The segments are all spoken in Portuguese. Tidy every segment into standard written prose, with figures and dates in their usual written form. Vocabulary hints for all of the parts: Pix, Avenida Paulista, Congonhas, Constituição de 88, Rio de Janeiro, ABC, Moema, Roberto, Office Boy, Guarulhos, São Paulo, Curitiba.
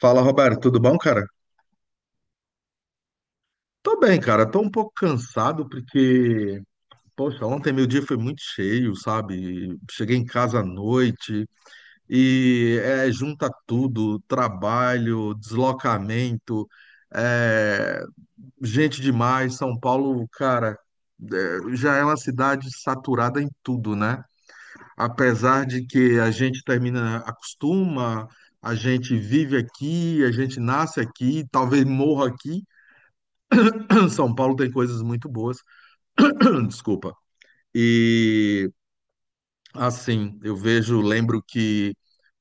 Fala, Roberto, tudo bom, cara? Tô bem, cara. Tô um pouco cansado porque, poxa, ontem meu dia foi muito cheio, sabe? Cheguei em casa à noite junta tudo, trabalho, deslocamento, é, gente demais. São Paulo, cara, já é uma cidade saturada em tudo, né? Apesar de que a gente termina, acostuma, a gente vive aqui, a gente nasce aqui, talvez morra aqui. São Paulo tem coisas muito boas. Desculpa. E assim, eu vejo, lembro que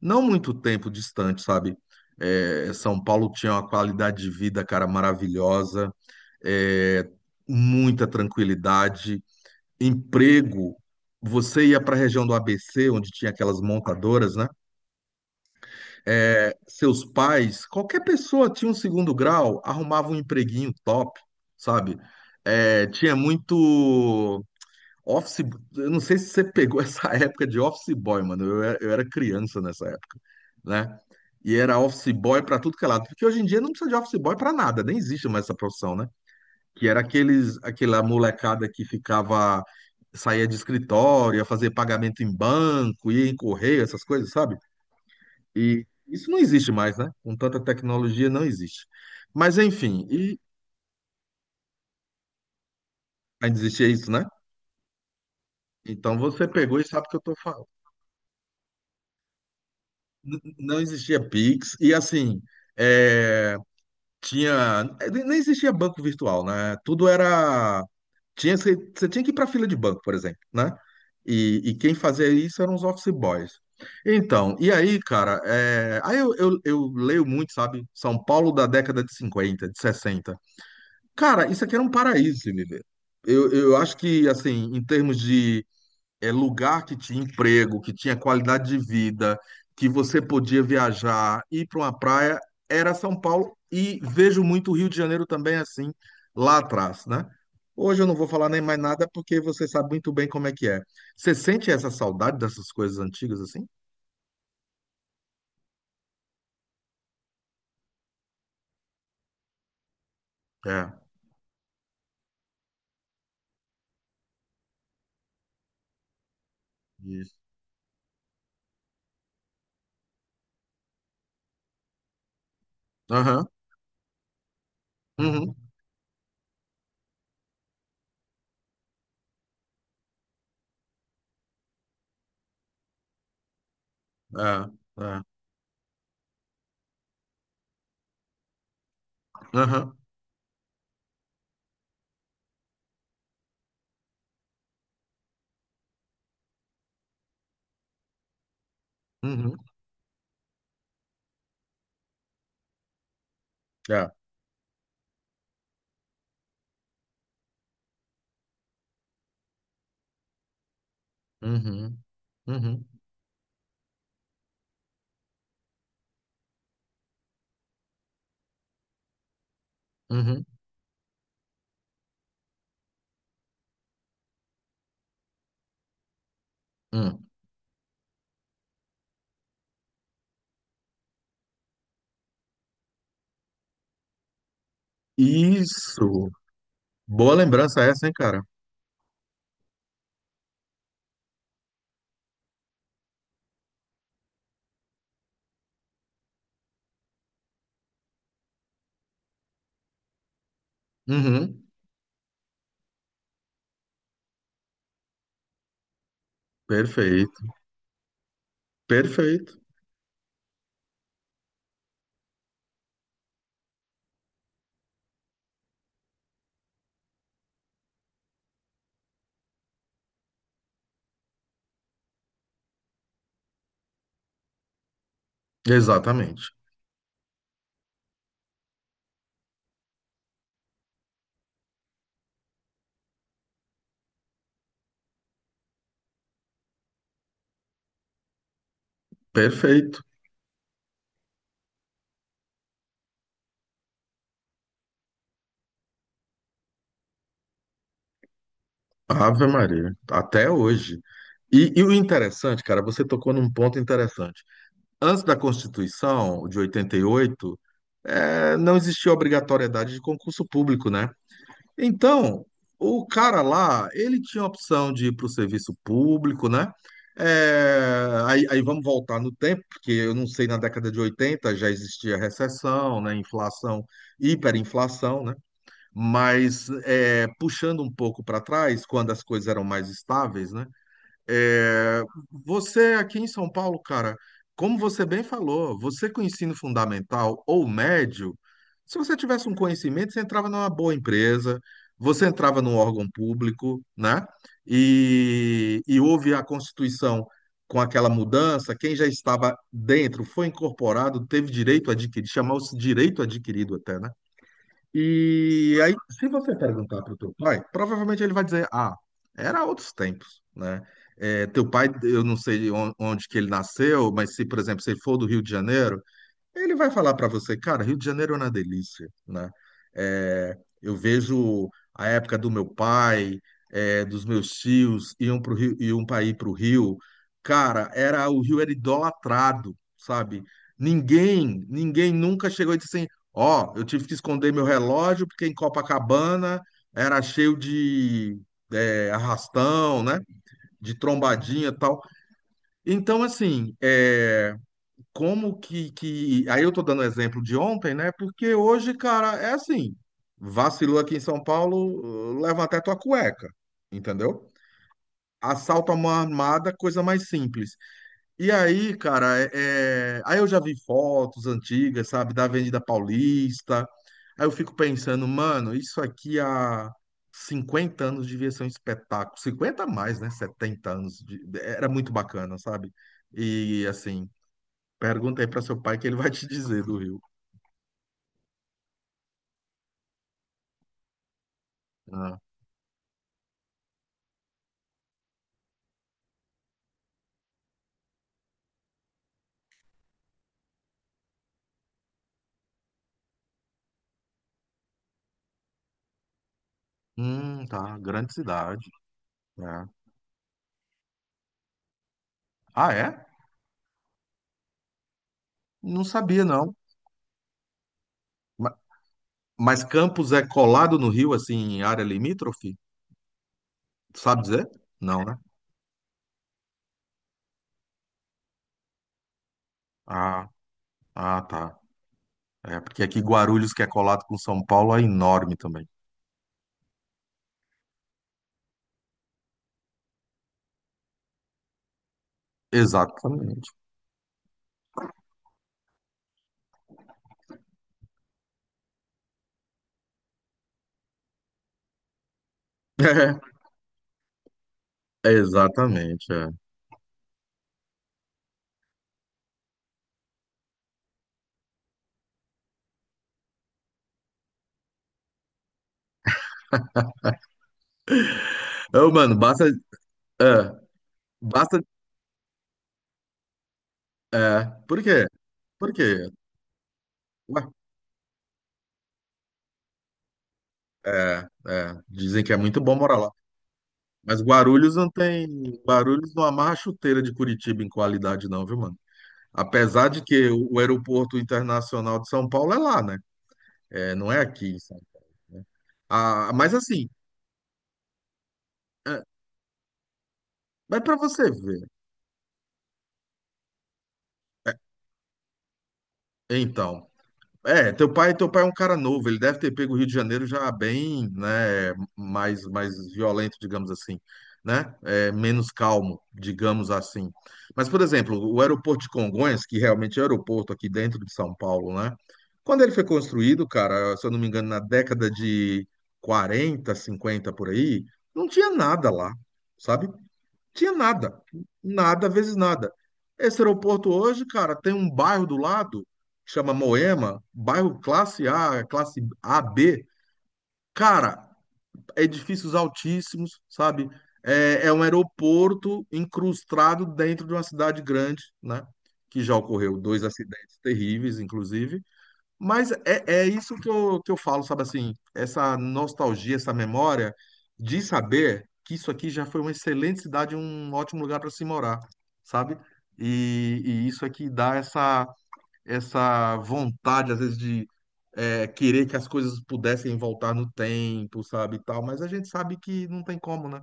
não muito tempo distante, sabe? São Paulo tinha uma qualidade de vida, cara, maravilhosa, é, muita tranquilidade, emprego. Você ia para a região do ABC, onde tinha aquelas montadoras, né? Seus pais, qualquer pessoa tinha um segundo grau, arrumava um empreguinho top, sabe? Tinha muito Office, eu não sei se você pegou essa época de Office Boy, mano. Eu era criança nessa época, né? E era Office Boy pra tudo que é lado. Porque hoje em dia não precisa de Office Boy pra nada, nem existe mais essa profissão, né? Aquela molecada que ficava, saía de escritório, ia fazer pagamento em banco, ia em correio, essas coisas, sabe? E isso não existe mais, né? Com tanta tecnologia, não existe. Mas enfim, ainda existia isso, né? Então você pegou e sabe o que eu tô falando. Não existia Pix e assim é, tinha nem existia banco virtual, né? Tudo era tinha você tinha que ir para fila de banco, por exemplo, né? E quem fazia isso eram os office boys. Então, e aí, cara, aí eu leio muito, sabe? São Paulo da década de 50 de 60. Cara, isso aqui era um paraíso, se me ver. Eu acho que, assim, em termos de lugar que tinha emprego, que tinha qualidade de vida, que você podia viajar, ir para uma praia, era São Paulo. E vejo muito o Rio de Janeiro também assim, lá atrás, né? Hoje eu não vou falar nem mais nada porque você sabe muito bem como é que é. Você sente essa saudade dessas coisas antigas assim? É, isso. Aham, uhum, é, é, aham, uhum, é, uhum, uhum, uhum, uhum. Isso. Boa lembrança essa, hein, cara? Uhum. Perfeito, perfeito, exatamente, perfeito. Ave Maria, até hoje. E o interessante, cara, você tocou num ponto interessante. Antes da Constituição de 88, não existia obrigatoriedade de concurso público, né? Então, o cara lá, ele tinha a opção de ir para o serviço público, né? Aí vamos voltar no tempo, porque eu não sei, na década de 80 já existia recessão, né? Inflação, hiperinflação, né? Puxando um pouco para trás, quando as coisas eram mais estáveis, né? É, você aqui em São Paulo, cara, como você bem falou, você com ensino fundamental ou médio, se você tivesse um conhecimento, você entrava numa boa empresa, você entrava num órgão público, né? E houve a Constituição com aquela mudança, quem já estava dentro foi incorporado, teve direito adquirido, chamou-se direito adquirido até, né? E aí, se você perguntar para o teu pai, provavelmente ele vai dizer, ah, era outros tempos, né? É, teu pai, eu não sei onde que ele nasceu, mas se, por exemplo, se ele for do Rio de Janeiro, ele vai falar para você, cara, Rio de Janeiro é uma delícia, né? É, eu vejo a época do meu pai, dos meus tios, iam para o Rio, iam para ir para o Rio. Cara, era o Rio era idolatrado, sabe? Ninguém nunca chegou e disse assim, ó, eu tive que esconder meu relógio porque em Copacabana era cheio de arrastão, né? De trombadinha e tal. Então, assim, é como que, que. Aí eu tô dando exemplo de ontem, né? Porque hoje, cara, é assim: vacilou aqui em São Paulo, leva até tua cueca, entendeu? Assalto a mão armada, coisa mais simples. E aí, cara, é... é- aí eu já vi fotos antigas, sabe, da Avenida Paulista. Aí eu fico pensando, mano, isso aqui há 50 anos devia ser um espetáculo. 50 a mais, né? 70 anos. Era muito bacana, sabe? E assim. Pergunta aí para seu pai que ele vai te dizer do Rio. Ah, tá. Grande cidade. Né? Ah, é? Não sabia, não. Ma- Mas Campos é colado no Rio, assim, em área limítrofe? Sabe dizer? Não, né? Ah, ah, tá. É, porque aqui Guarulhos, que é colado com São Paulo, é enorme também. Exatamente. É, exatamente. É. Ô, mano, basta. É, basta. É. Por quê? Por quê? Ué, é, é. Dizem que é muito bom morar lá. Mas Guarulhos não tem. Guarulhos não amarra a chuteira de Curitiba em qualidade, não, viu, mano? Apesar de que o aeroporto internacional de São Paulo é lá, né? É, não é aqui, sabe? Ah, mas assim, é, mas para você ver. é, então, É, teu pai é um cara novo, ele deve ter pego o Rio de Janeiro já bem, né, mais violento, digamos assim, né, menos calmo, digamos assim. Mas, por exemplo, o aeroporto de Congonhas, que realmente é o aeroporto aqui dentro de São Paulo, né, quando ele foi construído, cara, se eu não me engano, na década de 40, 50, por aí, não tinha nada lá, sabe? Tinha nada. Nada, vezes nada. Esse aeroporto hoje, cara, tem um bairro do lado, chama Moema, bairro classe A, classe A B. Cara, edifícios altíssimos, sabe? É, é um aeroporto incrustado dentro de uma cidade grande, né? Que já ocorreu dois acidentes terríveis, inclusive. Mas é, é isso que eu falo, sabe assim, essa nostalgia, essa memória de saber que isso aqui já foi uma excelente cidade, um ótimo lugar para se morar, sabe? E isso aqui dá essa, essa vontade, às vezes, de querer que as coisas pudessem voltar no tempo, sabe, e tal, mas a gente sabe que não tem como, né?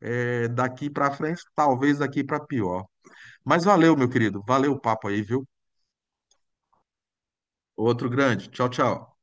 É, daqui para frente, talvez daqui para pior. Mas valeu, meu querido, valeu o papo aí, viu? Outro grande. Tchau, tchau.